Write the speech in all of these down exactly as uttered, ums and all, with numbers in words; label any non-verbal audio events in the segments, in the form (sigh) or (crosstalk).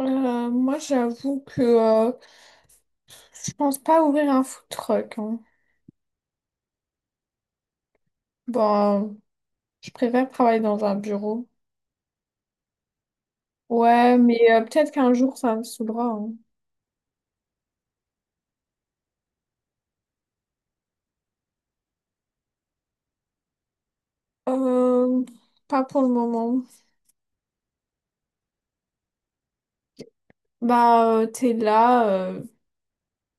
Euh, moi, j'avoue que euh, je pense pas ouvrir un food truck, hein. Bon, euh, je préfère travailler dans un bureau. Ouais, mais euh, peut-être qu'un jour, ça me saoulera, hein. Euh, Pas pour le moment. Bah, euh, t'es là. euh,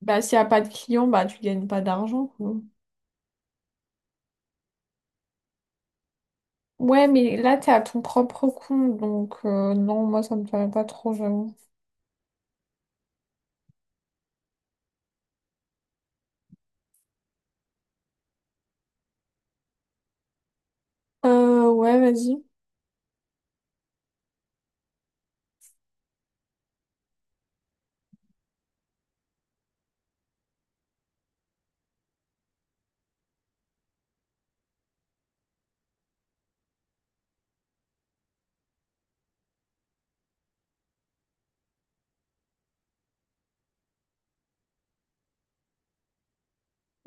Bah, s'il n'y a pas de clients, bah, tu gagnes pas d'argent, quoi. Ouais, mais là, t'es à ton propre compte. Donc, euh, non, moi, ça me paraît pas trop, j'avoue. Euh, ouais, vas-y.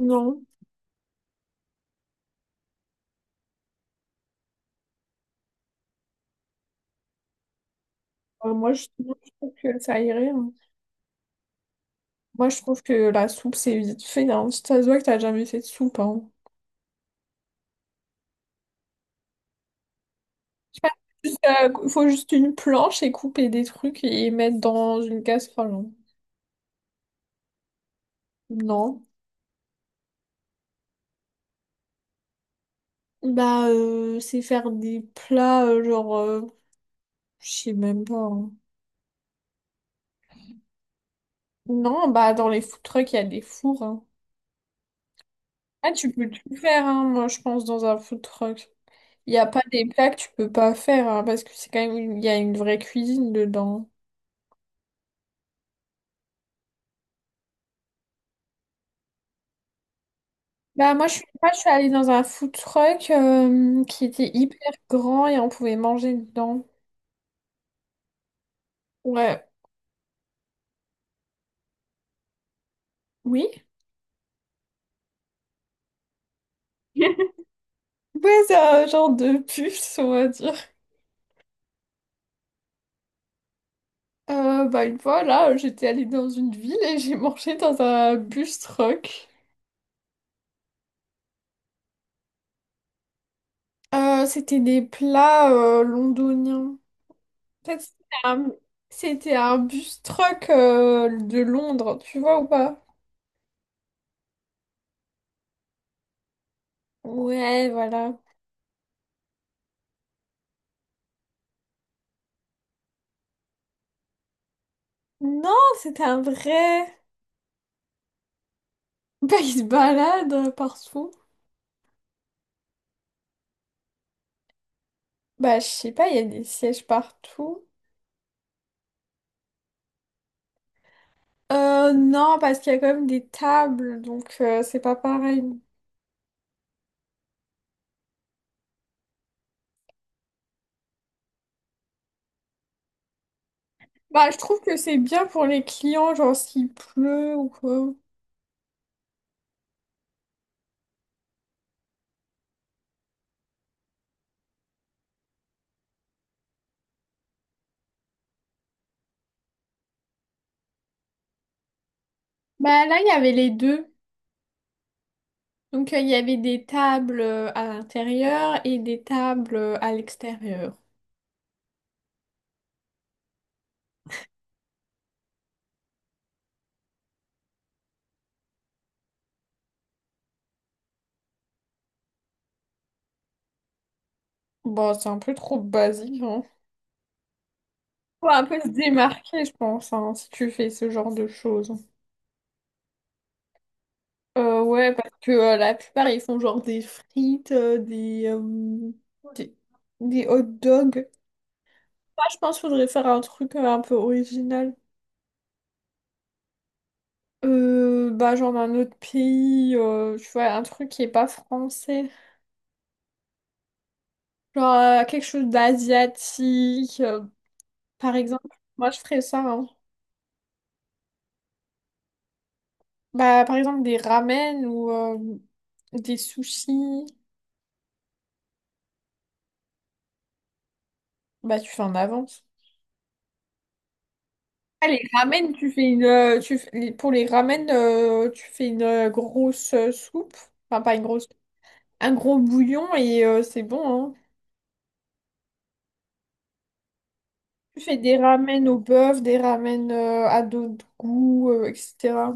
Non. Euh, moi, je, moi, je trouve que ça irait, hein. Moi, je trouve que la soupe, c'est vite fait, hein. Ça se voit que t'as jamais fait de soupe, hein. Juste, euh, faut juste une planche et couper des trucs et mettre dans une casserole, hein. Non. Bah, euh, c'est faire des plats, euh, genre, euh, je sais même pas, hein. Non, bah, dans les food trucks, il y a des fours, hein. Ah, tu peux tout faire, hein, moi, je pense, dans un food truck. Il n'y a pas des plats que tu peux pas faire, hein, parce que c'est quand même, une- il y a une vraie cuisine dedans. Bah moi je suis pas, Je suis allée dans un food truck euh, qui était hyper grand et on pouvait manger dedans. Ouais, oui. (laughs) Ouais, c'est un genre de puce, on va dire. Euh, bah une fois là, j'étais allée dans une ville et j'ai mangé dans un bus truck. Euh, c'était des plats euh, londoniens. En fait, C'était un, c'était un bus truck euh, de Londres, tu vois ou pas? Ouais, voilà. Non, c'était un vrai. (laughs) Bah, il se balade euh, partout. Bah, je sais pas, il y a des sièges partout. Euh, non, parce qu'il y a quand même des tables, donc euh, c'est pas pareil. Bah, je trouve que c'est bien pour les clients, genre s'il pleut ou quoi. Bah, là, il y avait les deux. Donc, euh, il y avait des tables euh, à l'intérieur et des tables euh, à l'extérieur. Bon, c'est un peu trop basique, hein. Faut un peu se démarquer, je pense, hein, si tu fais ce genre de choses. Euh, ouais, parce que euh, la plupart, ils font genre des frites, euh, des, euh, des, des hot dogs. Moi, je pense qu'il faudrait faire un truc euh, un peu original. Euh, bah, genre d'un autre pays, euh, tu vois, un truc qui est pas français. Genre euh, quelque chose d'asiatique, euh, par exemple. Moi, je ferais ça, hein. Bah, par exemple, des ramen ou euh, des sushis. Bah, tu fais en avance. Ah, les ramen, tu fais une, euh, tu fais- les- pour les ramen, euh, tu fais une euh, grosse euh, soupe, enfin pas une grosse, un gros bouillon et euh, c'est bon, hein. Tu fais des ramen au bœuf, des ramen euh, à d'autres goûts, euh, et cetera.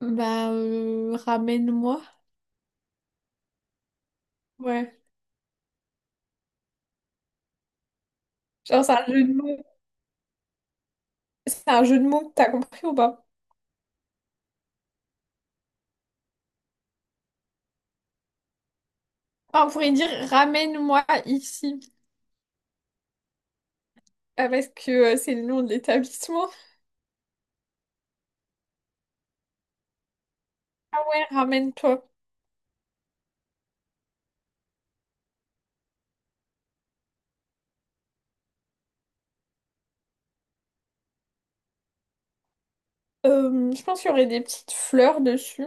Bah, euh, ramen-moi. Ouais. Genre, c'est un jeu de mots. C'est un jeu de mots, t'as compris ou pas? Ah, on pourrait dire ramène-moi ici. Ah, parce que euh, c'est le nom de l'établissement. Ah ouais, ramène-toi. Euh, je pense qu'il y aurait des petites fleurs dessus.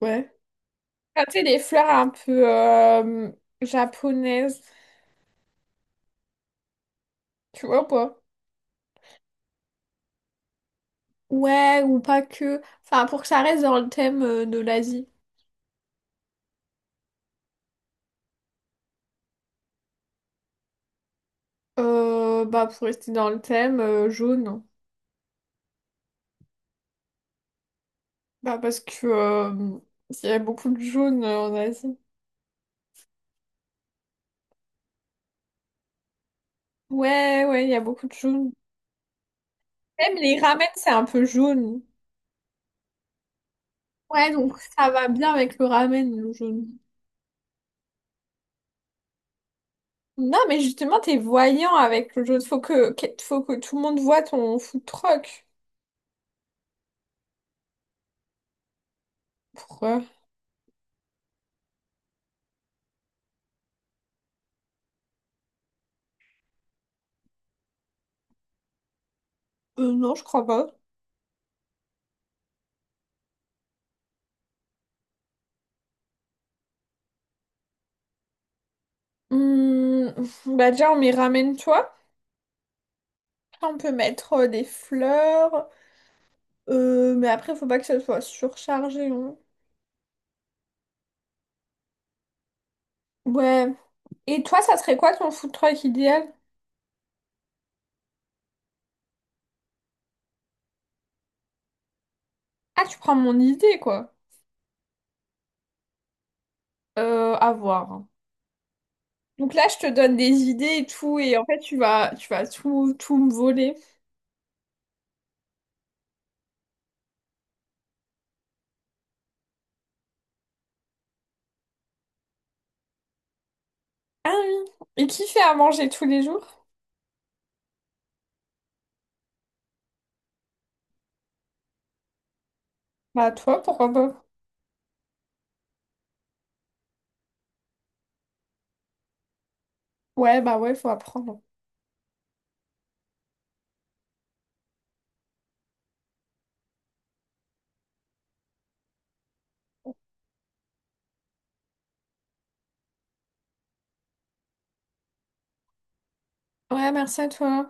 Ouais. Ah, tu sais, les fleurs un peu euh, japonaises, tu vois ou pas? Ouais, ou pas que. Enfin, pour que ça reste dans le thème euh, de l'Asie. Euh, bah, pour rester dans le thème, euh, jaune. Bah, parce que euh, Il y a beaucoup de jaune euh, en Asie. Ouais, ouais, il y a beaucoup de jaune. Même les ramen, c'est un peu jaune. Ouais, donc ça va bien avec le ramen, le jaune. Non, mais justement, t'es voyant avec le jaune. Faut que, que- faut que tout le monde voit ton food truck. Pourquoi? Euh, non, je crois pas. Hum, bah déjà, on met ramène-toi. Après, on peut mettre euh, des fleurs. Euh, mais après, faut pas que ça soit surchargé, hein. Ouais. Et toi, ça serait quoi ton food truck idéal? Ah, tu prends mon idée, quoi. Euh, à voir. Donc là, je te donne des idées et tout. Et en fait, tu vas, tu vas tout, tout me voler. Ah oui. Et qui fait à manger tous les jours? Bah, toi, pourquoi pas? Ouais, bah ouais, faut apprendre. Ouais, merci à toi.